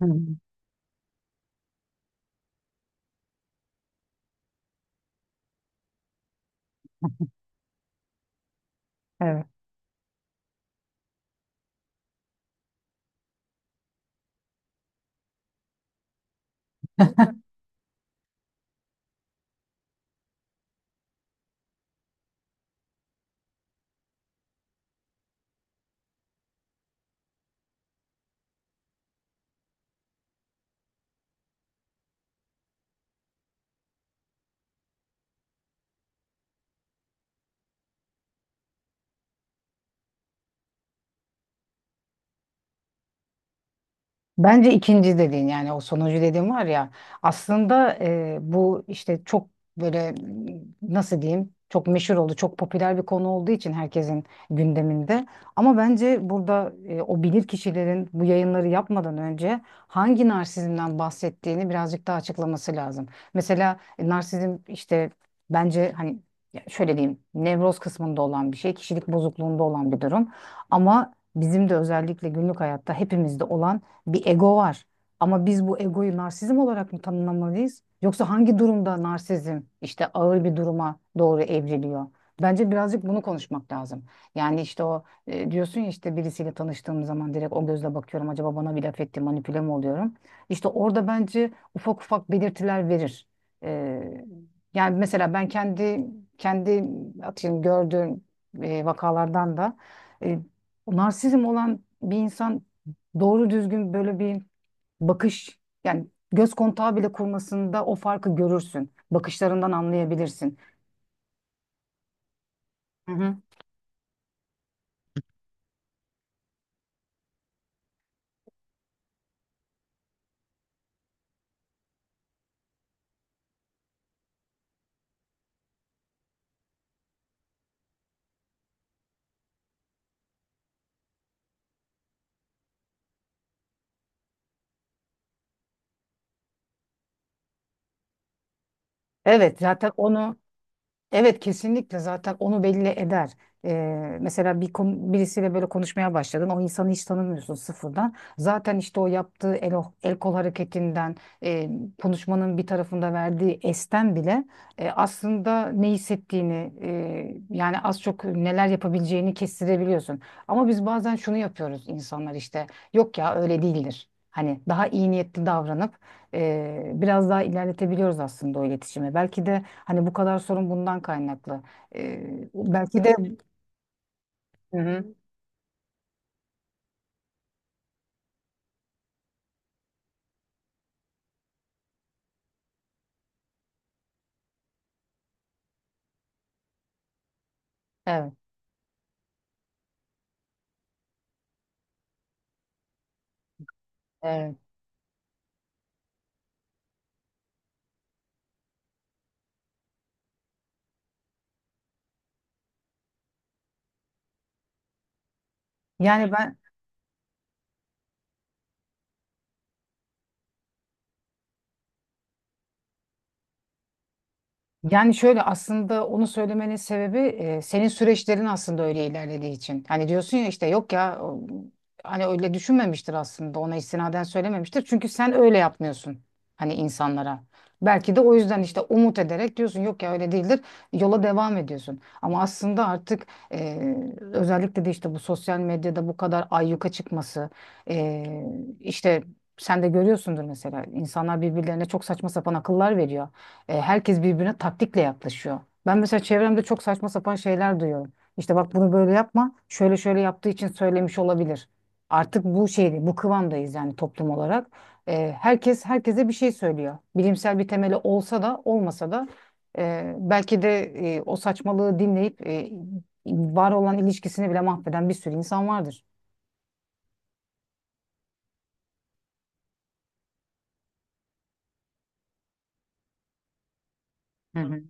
Hı. Evet. Bence ikinci dediğin yani o sonuncu dediğin var ya aslında bu işte çok böyle m, nasıl diyeyim, çok meşhur oldu, çok popüler bir konu olduğu için herkesin gündeminde, ama bence burada o bilir kişilerin bu yayınları yapmadan önce hangi narsizmden bahsettiğini birazcık daha açıklaması lazım. Mesela narsizm işte bence hani, ya şöyle diyeyim, nevroz kısmında olan bir şey, kişilik bozukluğunda olan bir durum, ama bizim de özellikle günlük hayatta hepimizde olan bir ego var. Ama biz bu egoyu narsizm olarak mı tanımlamalıyız? Yoksa hangi durumda narsizm işte ağır bir duruma doğru evriliyor? Bence birazcık bunu konuşmak lazım. Yani işte diyorsun ya işte birisiyle tanıştığım zaman direkt o gözle bakıyorum. Acaba bana bir laf etti, manipüle mi oluyorum? İşte orada bence ufak ufak belirtiler verir. Ee, Yani mesela ben kendi atıyorum gördüğüm vakalardan da, e, narsizm olan bir insan doğru düzgün böyle bir bakış, yani göz kontağı bile kurmasında o farkı görürsün. Bakışlarından anlayabilirsin. Hı hı. Evet zaten onu Evet, kesinlikle zaten onu belli eder. Mesela bir birisiyle böyle konuşmaya başladın. O insanı hiç tanımıyorsun, sıfırdan. Zaten işte o yaptığı el kol hareketinden, e, konuşmanın bir tarafında verdiği esten bile, aslında ne hissettiğini, yani az çok neler yapabileceğini kestirebiliyorsun. Ama biz bazen şunu yapıyoruz, insanlar işte yok ya öyle değildir. Hani daha iyi niyetli davranıp biraz daha ilerletebiliyoruz aslında o iletişimi. Belki de hani bu kadar sorun bundan kaynaklı. E, belki de Hı hı, evet, evet. Yani ben Yani şöyle, aslında onu söylemenin sebebi senin süreçlerin aslında öyle ilerlediği için. Hani diyorsun ya işte yok ya hani öyle düşünmemiştir, aslında ona istinaden söylememiştir. Çünkü sen öyle yapmıyorsun hani insanlara. Belki de o yüzden işte umut ederek diyorsun yok ya öyle değildir, yola devam ediyorsun. Ama aslında artık e, özellikle de işte bu sosyal medyada bu kadar ayyuka çıkması, e, işte sen de görüyorsundur mesela, insanlar birbirlerine çok saçma sapan akıllar veriyor. E, herkes birbirine taktikle yaklaşıyor. Ben mesela çevremde çok saçma sapan şeyler duyuyorum. İşte bak bunu böyle yapma, şöyle şöyle yaptığı için söylemiş olabilir. Artık bu şeyde, bu kıvamdayız yani, toplum olarak. E, herkes herkese bir şey söylüyor. Bilimsel bir temeli olsa da olmasa da, e, belki de o saçmalığı dinleyip var olan ilişkisini bile mahveden bir sürü insan vardır. Hı hı.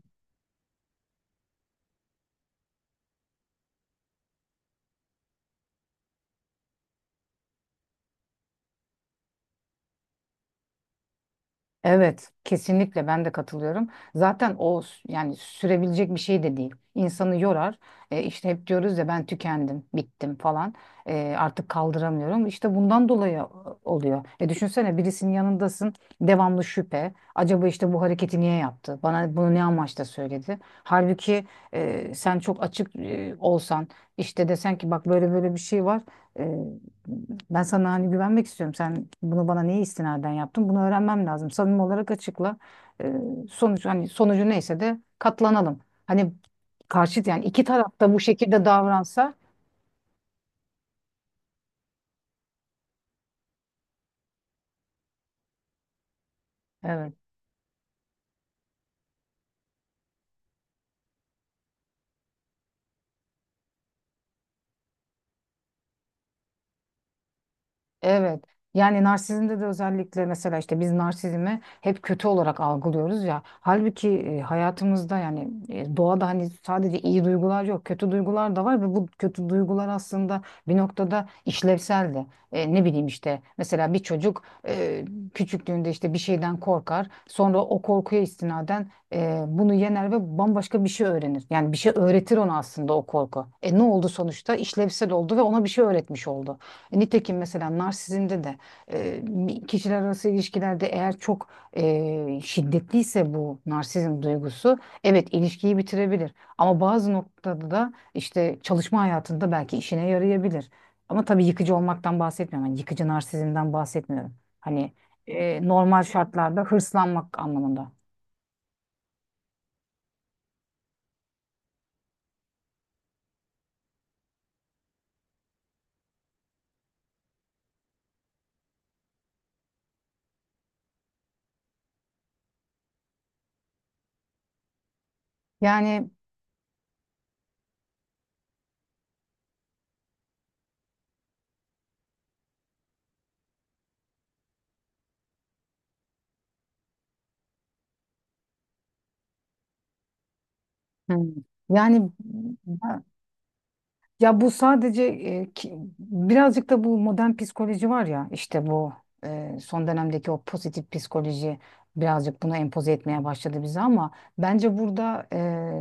Evet, kesinlikle ben de katılıyorum. Zaten yani sürebilecek bir şey de değil. İnsanı yorar. E, işte hep diyoruz ya, ben tükendim, bittim falan. E, artık kaldıramıyorum. İşte bundan dolayı oluyor. E, düşünsene, birisinin yanındasın, devamlı şüphe. Acaba işte bu hareketi niye yaptı? Bana bunu ne amaçla söyledi? Halbuki sen çok açık olsan, işte desen ki bak böyle böyle bir şey var. E, ben sana hani güvenmek istiyorum. Sen bunu bana niye istinaden yaptın? Bunu öğrenmem lazım. Samimi olarak açıkla. Ee, Sonuç hani, sonucu neyse de katlanalım. Hani karşıt yani iki taraf da bu şekilde davransa, evet. Evet. Yani narsizmde de özellikle, mesela işte biz narsizmi hep kötü olarak algılıyoruz ya. Halbuki hayatımızda yani, doğada hani sadece iyi duygular yok, kötü duygular da var ve bu kötü duygular aslında bir noktada işlevsel de. E, ne bileyim, işte mesela bir çocuk küçüklüğünde işte bir şeyden korkar. Sonra o korkuya istinaden bunu yener ve bambaşka bir şey öğrenir. Yani bir şey öğretir ona aslında o korku. E, ne oldu sonuçta? İşlevsel oldu ve ona bir şey öğretmiş oldu. E, nitekim mesela narsizmde de kişiler arası ilişkilerde eğer çok şiddetliyse bu narsizm duygusu, evet, ilişkiyi bitirebilir. Ama bazı noktada da işte çalışma hayatında belki işine yarayabilir. Ama tabii yıkıcı olmaktan bahsetmiyorum. Yani yıkıcı narsizmden bahsetmiyorum. Hani normal şartlarda hırslanmak anlamında. Yani Hmm. yani Ya bu sadece birazcık da bu modern psikoloji var ya, işte bu son dönemdeki o pozitif psikoloji birazcık bunu empoze etmeye başladı bize, ama bence burada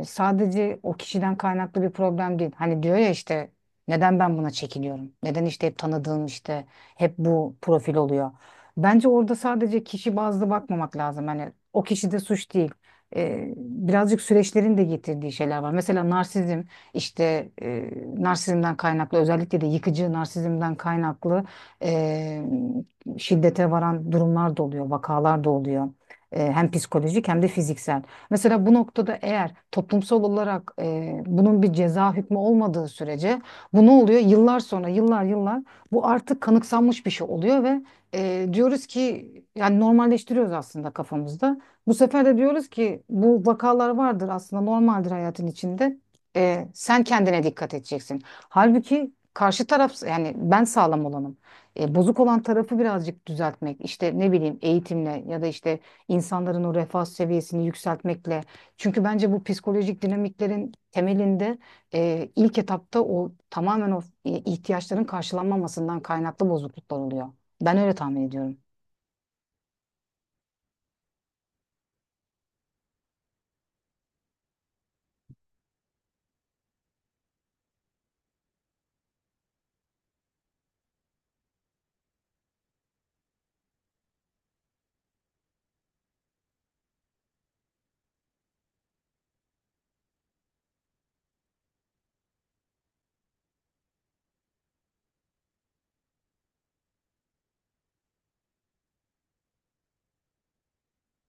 sadece o kişiden kaynaklı bir problem değil. Hani diyor ya işte neden ben buna çekiniyorum? Neden işte hep tanıdığım, işte hep bu profil oluyor? Bence orada sadece kişi bazlı bakmamak lazım. Hani o kişi de suç değil. E, birazcık süreçlerin de getirdiği şeyler var. Mesela narsizm işte e, narsizmden kaynaklı, özellikle de yıkıcı narsizmden kaynaklı, e, şiddete varan durumlar da oluyor, vakalar da oluyor. E, hem psikolojik hem de fiziksel. Mesela bu noktada, eğer toplumsal olarak bunun bir ceza hükmü olmadığı sürece, bu ne oluyor? Yıllar sonra, yıllar yıllar bu artık kanıksanmış bir şey oluyor ve diyoruz ki yani, normalleştiriyoruz aslında kafamızda. Bu sefer de diyoruz ki bu vakalar vardır, aslında normaldir hayatın içinde, sen kendine dikkat edeceksin. Halbuki karşı taraf, yani ben sağlam olanım. E, bozuk olan tarafı birazcık düzeltmek, işte ne bileyim, eğitimle ya da işte insanların o refah seviyesini yükseltmekle. Çünkü bence bu psikolojik dinamiklerin temelinde ilk etapta o tamamen ihtiyaçların karşılanmamasından kaynaklı bozukluklar oluyor. Ben öyle tahmin ediyorum.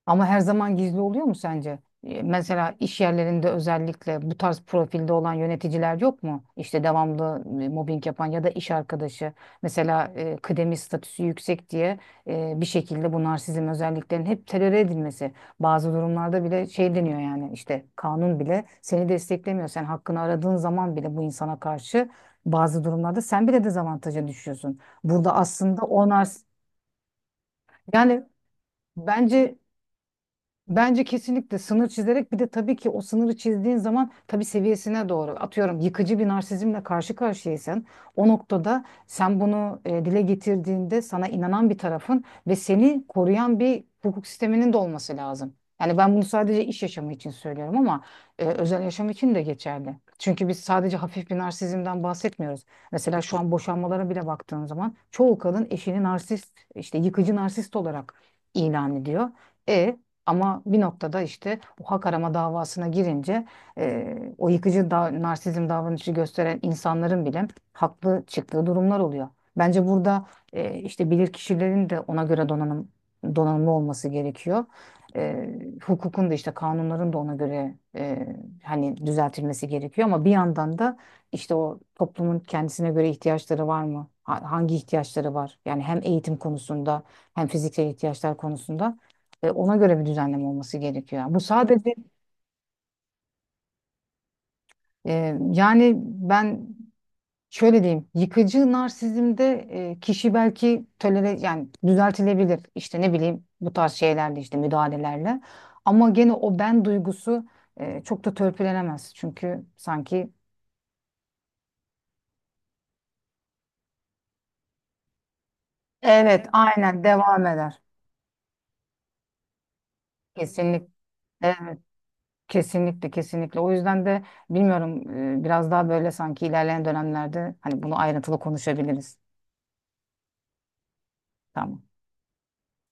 Ama her zaman gizli oluyor mu sence? E, mesela iş yerlerinde özellikle bu tarz profilde olan yöneticiler yok mu? İşte devamlı mobbing yapan ya da iş arkadaşı. Mesela kıdemi statüsü yüksek diye bir şekilde bu narsizm özelliklerinin hep teröre edilmesi. Bazı durumlarda bile şey deniyor, yani işte kanun bile seni desteklemiyor. Sen hakkını aradığın zaman bile bu insana karşı bazı durumlarda sen bile dezavantaja düşüyorsun. Burada aslında o nars yani bence, bence kesinlikle sınır çizerek, bir de tabii ki o sınırı çizdiğin zaman, tabii seviyesine doğru, atıyorum yıkıcı bir narsizmle karşı karşıyaysan, o noktada sen bunu dile getirdiğinde sana inanan bir tarafın ve seni koruyan bir hukuk sisteminin de olması lazım. Yani ben bunu sadece iş yaşamı için söylüyorum, ama özel yaşam için de geçerli. Çünkü biz sadece hafif bir narsizmden bahsetmiyoruz. Mesela şu an boşanmalara bile baktığın zaman çoğu kadın eşini narsist, işte yıkıcı narsist olarak ilan ediyor. E, ama bir noktada işte o hak arama davasına girince, o yıkıcı da, narsizm davranışı gösteren insanların bile haklı çıktığı durumlar oluyor. Bence burada işte bilirkişilerin de ona göre donanımlı olması gerekiyor. E, Hukukun da, işte kanunların da ona göre hani düzeltilmesi gerekiyor, ama bir yandan da işte o toplumun kendisine göre ihtiyaçları var mı? Hangi ihtiyaçları var? Yani hem eğitim konusunda hem fiziksel ihtiyaçlar konusunda. E, ona göre bir düzenleme olması gerekiyor. Yani ben şöyle diyeyim, yıkıcı narsizmde kişi belki tolere, yani düzeltilebilir işte, ne bileyim, bu tarz şeylerle, işte müdahalelerle, ama gene o ben duygusu çok da törpülenemez, çünkü sanki, evet aynen devam eder, kesinlikle. Evet, kesinlikle, kesinlikle. O yüzden de bilmiyorum, biraz daha böyle sanki ilerleyen dönemlerde hani bunu ayrıntılı konuşabiliriz. Tamam.